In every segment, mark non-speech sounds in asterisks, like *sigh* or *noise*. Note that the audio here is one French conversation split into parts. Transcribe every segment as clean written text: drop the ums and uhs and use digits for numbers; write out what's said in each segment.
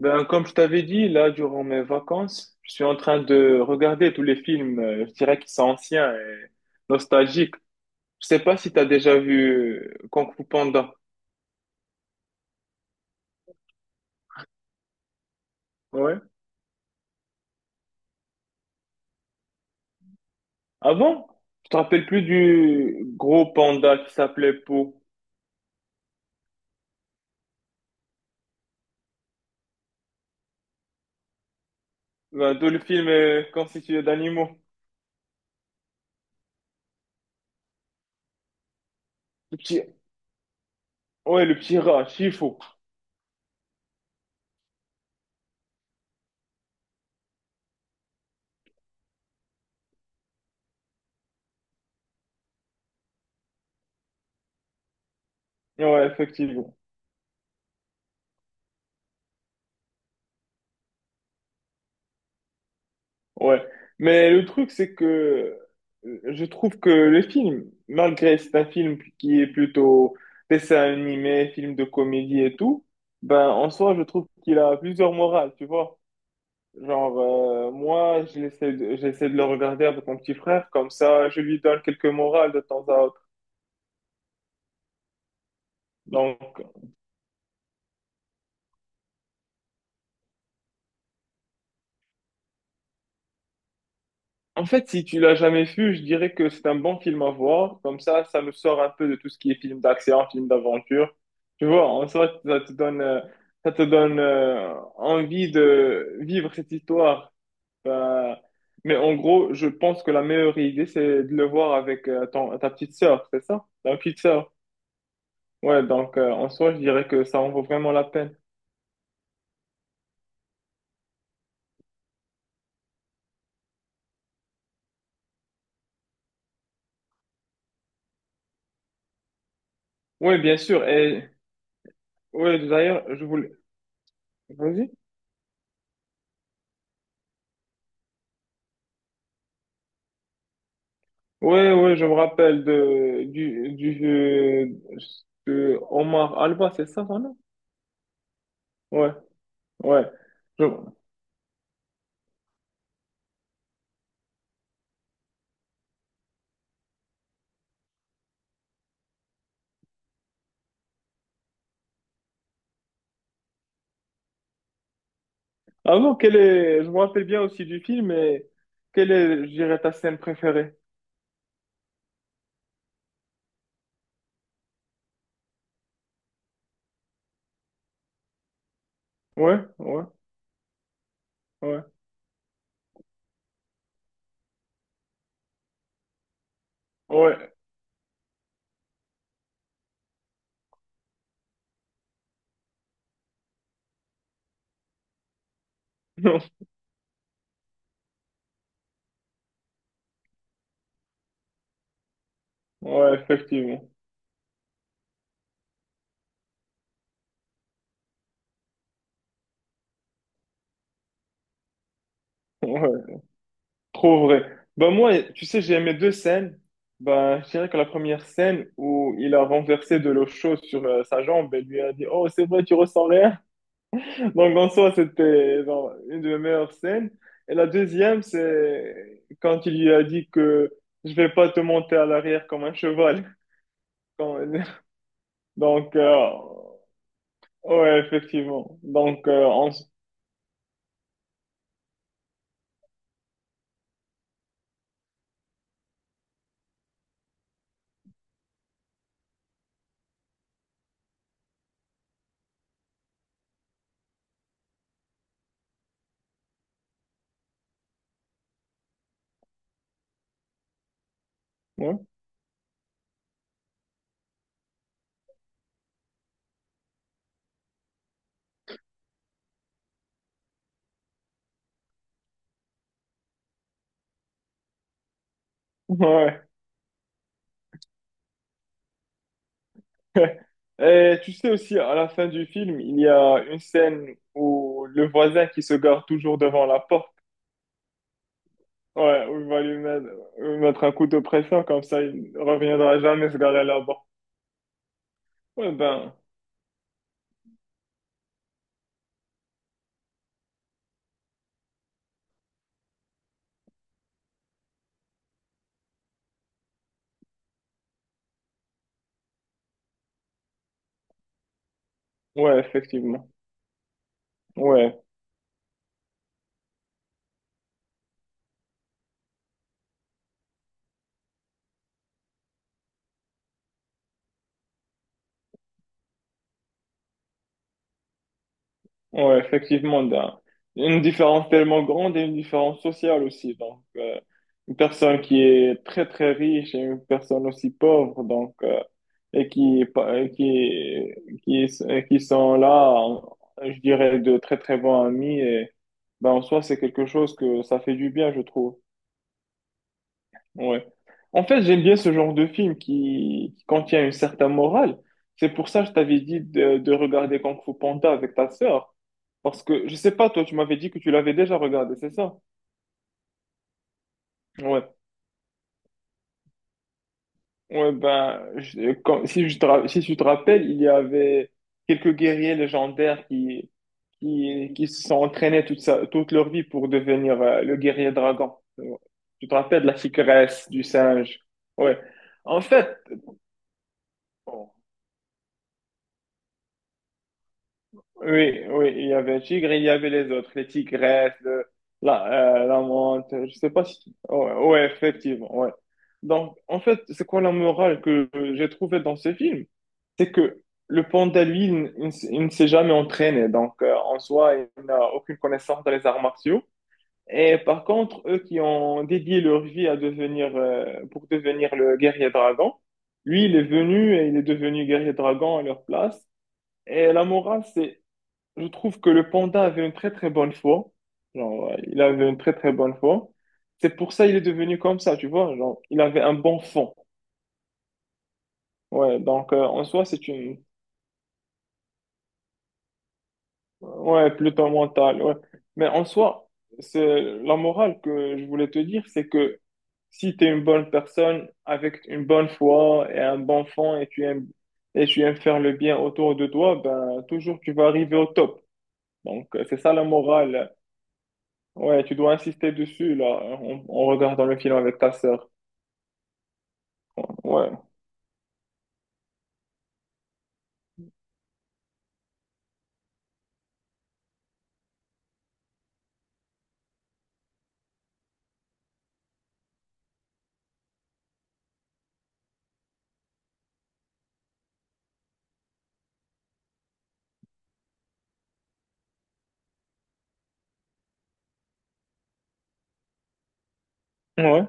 Ben, comme je t'avais dit, là, durant mes vacances, je suis en train de regarder tous les films, je dirais qu'ils sont anciens et nostalgiques. Je sais pas si tu as déjà vu Kung Fu Panda. Ouais. Avant, je te rappelle plus du gros panda qui s'appelait Po. Ben, tout le film est constitué d'animaux. Le petit, ouais, le petit rat, Shifu. Ouais, effectivement. Ouais, mais le truc, c'est que je trouve que le film, malgré c'est un film qui est plutôt dessin animé, film de comédie et tout, ben en soi, je trouve qu'il a plusieurs morales, tu vois. Genre, moi, j'essaie de le regarder avec mon petit frère, comme ça, je lui donne quelques morales de temps à autre. Donc, en fait, si tu l'as jamais vu, je dirais que c'est un bon film à voir. Comme ça nous sort un peu de tout ce qui est film d'action, film d'aventure. Tu vois, en soi, ça te donne envie de vivre cette histoire. Ben, mais en gros, je pense que la meilleure idée, c'est de le voir avec ta petite sœur, c'est ça? Ta petite sœur. Ouais, donc en soi, je dirais que ça en vaut vraiment la peine. Oui, bien sûr. Et ouais, d'ailleurs, je voulais. Vas-y. Ouais, ouais, je me rappelle de du de Omar Alba, c'est ça, son nom? Ouais, ouais. Je... Ah non, quel est... je me rappelle bien aussi du film, mais quelle est, je dirais, ta scène préférée? Ouais, ouais, ouais. Ouais. *laughs* Non. Ouais, effectivement. Ouais, trop vrai. Bah moi, tu sais, j'ai aimé deux scènes. Bah, je dirais que la première scène où il a renversé de l'eau chaude sur sa jambe et lui a dit, « Oh, c'est vrai, tu ressens rien. » *laughs* Donc en soi, c'était genre, une de mes meilleures scènes. Et la deuxième, c'est quand il lui a dit que je vais pas te monter à l'arrière comme un cheval. *laughs* Quand- donc, ouais, effectivement. Donc, en... ouais. *laughs* Ouais. Et tu sais aussi, à la fin du film, il y a une scène où le voisin qui se gare toujours devant la porte, ouais, où il va lui mettre un coup de pression, comme ça il ne reviendra jamais se garer là-bas. Ouais, ben, ouais, effectivement. Ouais. Ouais, effectivement, une différence tellement grande et une différence sociale aussi. Donc, une personne qui est très, très riche et une personne aussi pauvre, donc, et qui, pa- qui, qui sont là, je dirais, de très, très bons amis. Et ben, en soi, c'est quelque chose que ça fait du bien, je trouve. Ouais. En fait, j'aime bien ce genre de film qui contient une certaine morale. C'est pour ça que je t'avais dit de regarder Kung Fu Panda avec ta sœur. Parce que, je sais pas, toi, tu m'avais dit que tu l'avais déjà regardé, c'est ça? Ouais. Ouais, ben, si si tu te rappelles, il y avait quelques guerriers légendaires qui se sont entraînés toute leur vie pour devenir le guerrier dragon. Ouais. Tu te rappelles de la tigresse, du singe. Ouais. En fait, oui, oui, il y avait un tigre, il y avait les autres, les tigresses, la, la menthe, je sais pas si... Ouais, ouais, effectivement, ouais. Donc, en fait, c'est quoi la morale que j'ai trouvée dans ce film? C'est que le panda, lui, il ne s'est jamais entraîné, donc en soi, il n'a aucune connaissance dans les arts martiaux. Et par contre, eux qui ont dédié leur vie à pour devenir le guerrier dragon, lui, il est venu et il est devenu guerrier dragon à leur place. Et la morale, c'est je trouve que le panda avait une très très bonne foi. Genre, il avait une très très bonne foi. C'est pour ça il est devenu comme ça, tu vois. Genre, il avait un bon fond. Ouais, donc en soi, c'est une. Ouais, plutôt mental. Ouais. Mais en soi, c'est la morale que je voulais te dire, c'est que si tu es une bonne personne avec une bonne foi et un bon fond et tu aimes faire le bien autour de toi, ben toujours tu vas arriver au top. Donc, c'est ça la morale. Ouais, tu dois insister dessus, là, en regardant le film avec ta sœur. Ouais, ouais.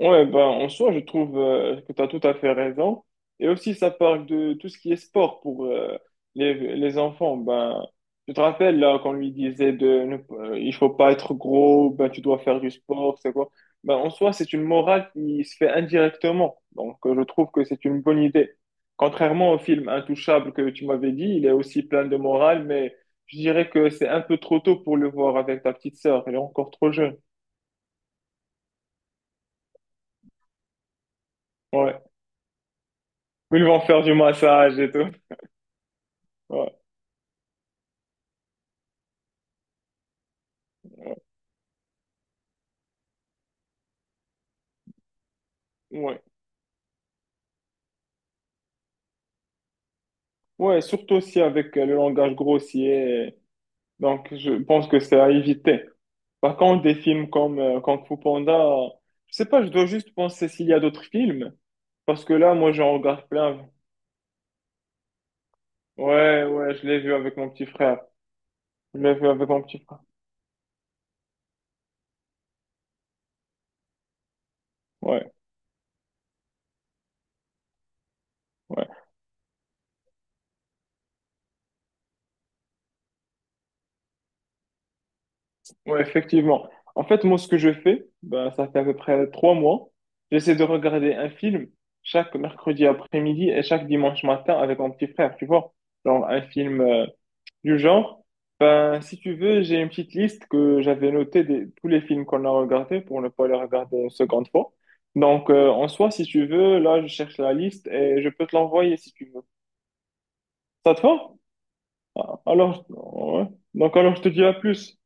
Ouais, ben, en soi, je trouve que tu as tout à fait raison. Et aussi, ça parle de tout ce qui est sport pour les enfants. Ben, tu te rappelles là qu'on lui disait de ne, il faut pas être gros, ben, tu dois faire du sport, c'est quoi? Ben, en soi, c'est une morale qui se fait indirectement. Donc, je trouve que c'est une bonne idée. Contrairement au film Intouchable que tu m'avais dit, il est aussi plein de morale, mais je dirais que c'est un peu trop tôt pour le voir avec ta petite sœur. Elle est encore trop jeune. Ouais. Ils vont faire du massage et tout. Ouais, ouais, ouais, surtout aussi avec le langage grossier. Donc, je pense que c'est à éviter. Par contre, des films comme Kung Fu Panda, je sais pas, je dois juste penser s'il y a d'autres films. Parce que là, moi, j'en regarde plein. Ouais, ouais, je l'ai vu avec mon petit frère. Je l'ai vu avec mon petit frère. Ouais, ouais, ouais, effectivement. En fait, moi, ce que je fais, ben, ça fait à peu près 3 mois. J'essaie de regarder un film chaque mercredi après-midi et chaque dimanche matin avec mon petit frère, tu vois. Genre, un film. Du genre, ben, si tu veux, j'ai une petite liste que j'avais notée de tous les films qu'on a regardés pour ne pas les regarder une seconde fois. Donc, en soi, si tu veux, là, je cherche la liste et je peux te l'envoyer si tu veux. Ça te va? Ah, alors, ouais. Donc, alors, je te dis à plus.